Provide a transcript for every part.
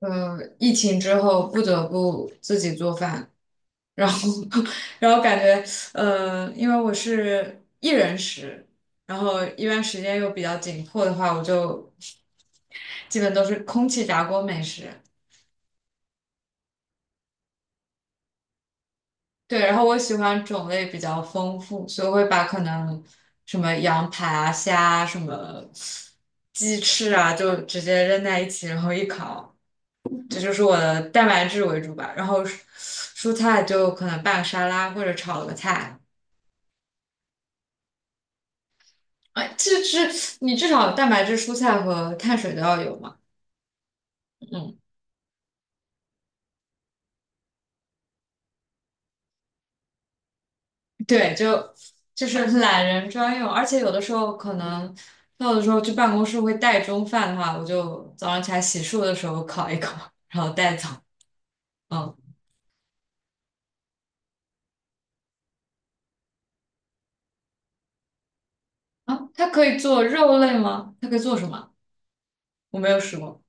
疫情之后不得不自己做饭，然后 然后感觉因为我是一人食，然后一般时间又比较紧迫的话，我就基本都是空气炸锅美食。对，然后我喜欢种类比较丰富，所以我会把可能什么羊排啊、虾啊、什么鸡翅啊，就直接扔在一起，然后一烤。这就是我的蛋白质为主吧。然后蔬菜就可能拌个沙拉或者炒个菜。哎，这是你至少蛋白质、蔬菜和碳水都要有嘛？嗯，对，就是懒人专用。而且有的时候可能，那有的时候去办公室会带中饭的话，我就早上起来洗漱的时候烤一烤，然后带走。嗯。啊，它可以做肉类吗？它可以做什么？我没有试过，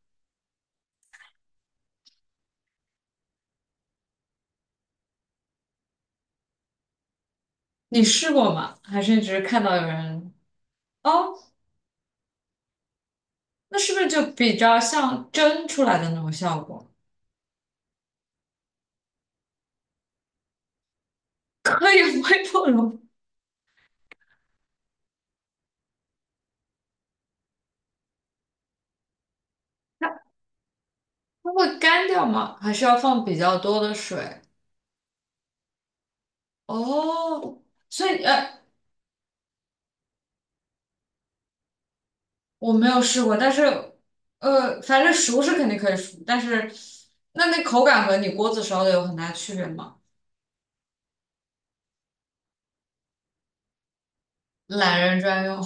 你试过吗？还是你只是看到有人？哦，那是不是就比较像蒸出来的那种效果？可以微波炉，它会干掉吗？还是要放比较多的水？哦，所以我没有试过，但是反正熟是肯定可以熟，但是那口感和你锅子烧的有很大区别吗？懒人专用。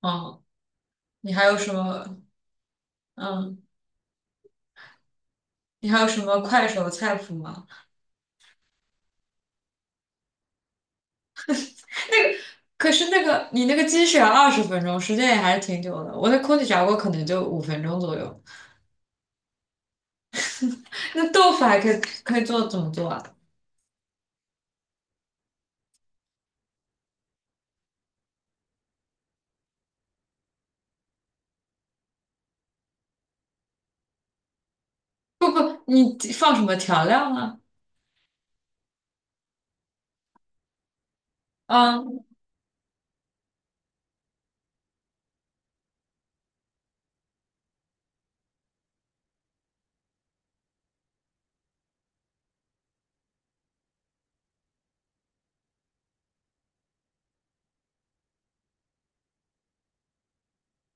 嗯，你还有什么？嗯，你还有什么快手菜谱吗？那个，可是那个你那个鸡是要20分钟，时间也还是挺久的。我那空气炸锅可能就5分钟左右。那豆腐还可以做怎么做啊？你放什么调料呢？嗯，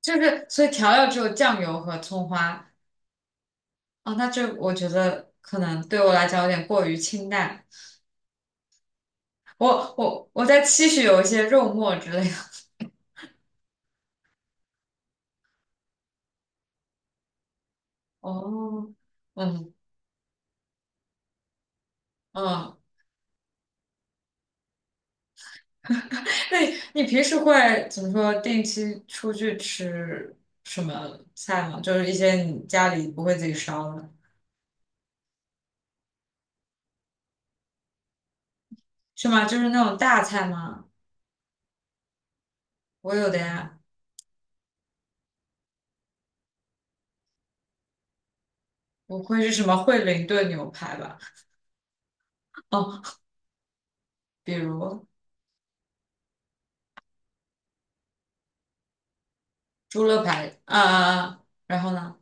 就是所以调料只有酱油和葱花。啊。那这我觉得可能对我来讲有点过于清淡。我在期许有一些肉末之类的。哦，嗯嗯，那你平时会怎么说？定期出去吃什么菜吗？就是一些你家里不会自己烧的。是吗？就是那种大菜吗？我有的呀，不会是什么惠灵顿牛排吧？哦，比如猪肋排啊啊，啊然后呢？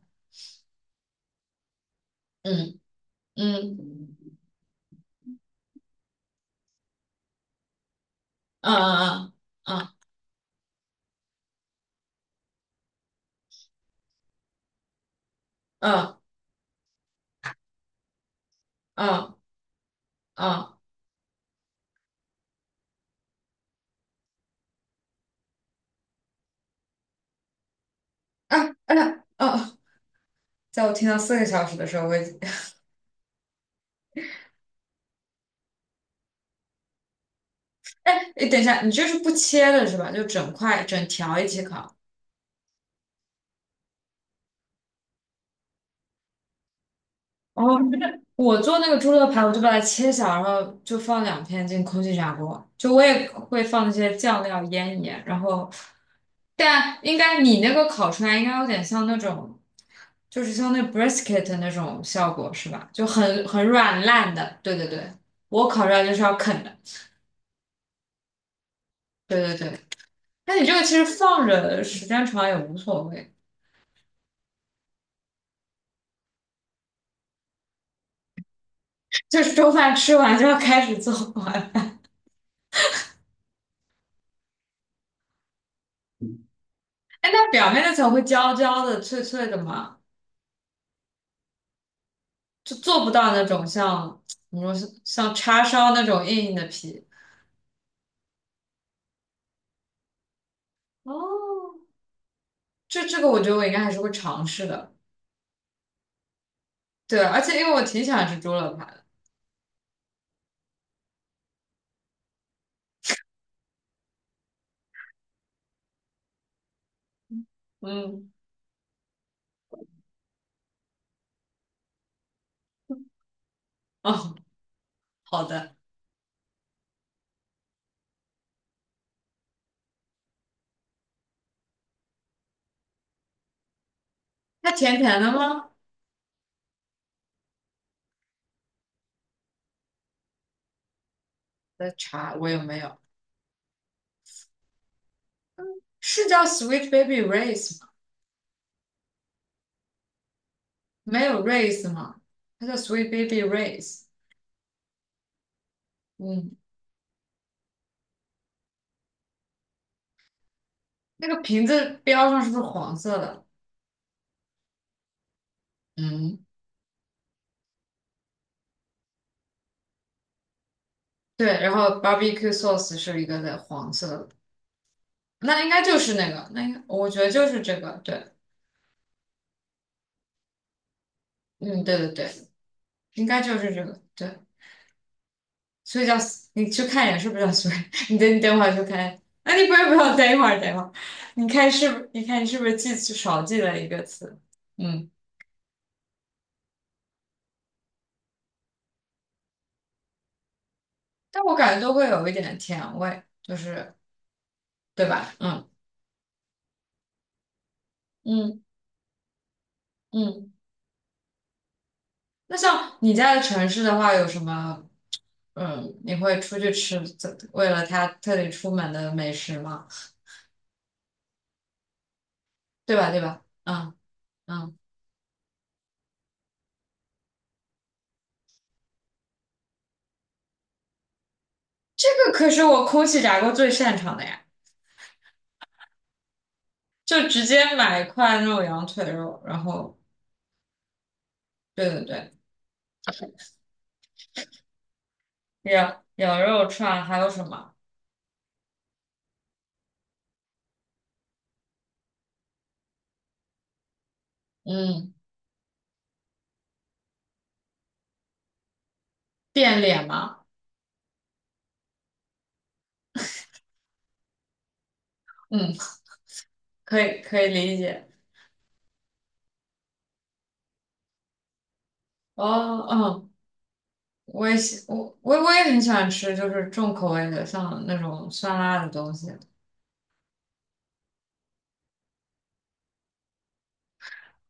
嗯嗯嗯嗯嗯嗯嗯嗯啊啊啊！哦，在我听到4个小时的时候，我已经 哎，诶等一下，你这是不切的是吧？就整块整条一起烤。哦，我做那个猪肉排，我就把它切小，然后就放2片进空气炸锅。就我也会放那些酱料腌一腌，然后，但应该你那个烤出来应该有点像那种，就是像那 brisket 的那种效果是吧？就很软烂的。对对对，我烤出来就是要啃的。对对对，那你这个其实放着时间长也无所谓，就是 中饭吃完就要开始做晚饭。哎，那表面那层会焦焦的、脆脆的吗？就做不到那种像，怎么说，像叉烧那种硬硬的皮。哦，这个我觉得我应该还是会尝试的。对，而且因为我挺喜欢吃猪肋排的。嗯。哦，好的。它甜甜的吗？的茶我有没有？是叫 Sweet Baby r a c e 吗？没有 r a c e 吗？它叫 Sweet Baby r a c e。 嗯，那个瓶子标上是不是黄色的？嗯，对。然后 barbecue sauce 是一个的黄色的，那应该就是那个，那应该我觉得就是这个，对。嗯，对对对，应该就是这个，对，所以叫，你去看一眼是不是叫，所以 你等会儿去看。啊，你不要不要，等一会儿等一会儿，你是不是记少记了一个词？嗯，但我感觉都会有一点甜味，就是对吧？嗯嗯嗯。那像你在城市的话，有什么？嗯，你会出去吃，为了他特地出门的美食吗？对吧？对吧？嗯嗯，这个可是我空气炸锅最擅长的呀。就直接买一块那种羊腿肉，然后对对对，羊肉串还有什么？嗯，变脸吗？嗯，可以理解。哦，嗯，我也很喜欢吃，就是重口味的，像那种酸辣的东西。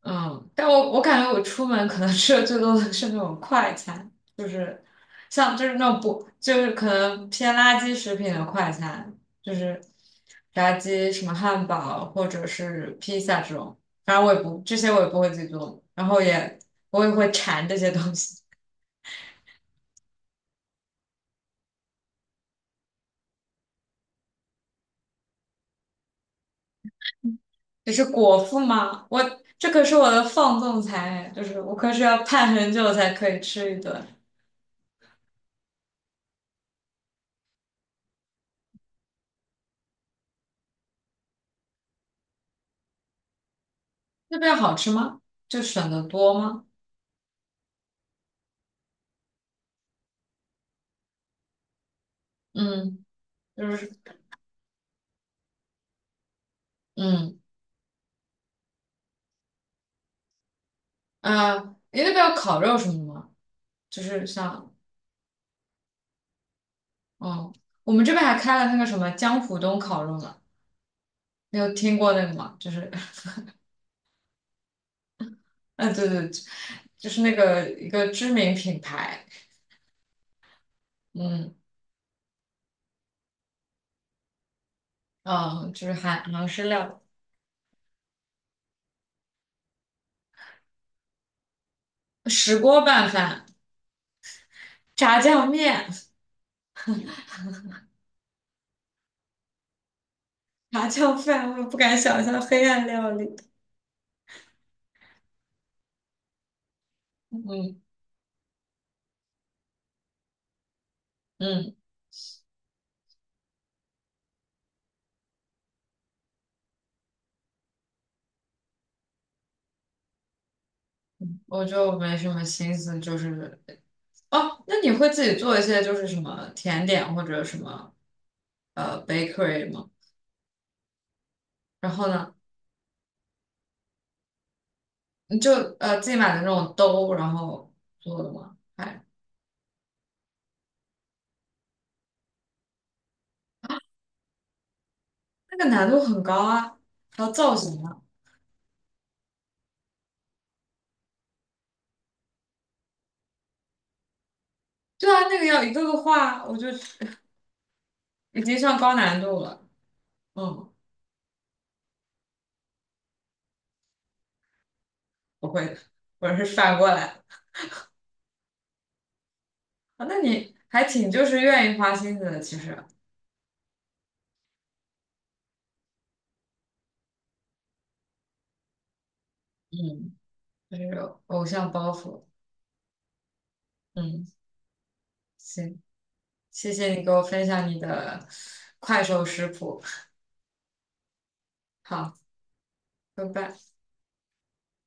嗯，但我感觉我出门可能吃的最多的是那种快餐，就是像，就是那种不就是可能偏垃圾食品的快餐，就是炸鸡、什么汉堡或者是披萨这种。反正我也不会自己做，然后也我也会馋这些东西。只是果腹吗？我这可是我的放纵餐，就是我可是要盼很久才可以吃一顿。那边好吃吗？就选的多吗？嗯，就是嗯。呃，你那边有烤肉什么的吗？就是像，嗯，我们这边还开了那个什么江浦东烤肉呢，你有听过那个吗？就是，啊，对对，就是那个一个知名品牌。嗯嗯，就是韩式料理，石锅拌饭、炸酱面、炸酱饭，我不敢想象黑暗料理。嗯嗯，我就没什么心思，就是哦，那你会自己做一些就是什么甜点或者什么bakery 吗？然后呢？你就自己买的那种兜，然后做的吗？哎，那个难度很高啊，还有造型啊。对啊，那个要一个个画，我就已经上高难度了。嗯，不会的，我是反过来。啊，那你还挺就是愿意花心思的，其实。嗯，就是有偶像包袱。嗯，行，谢谢你给我分享你的快手食谱。好，拜拜。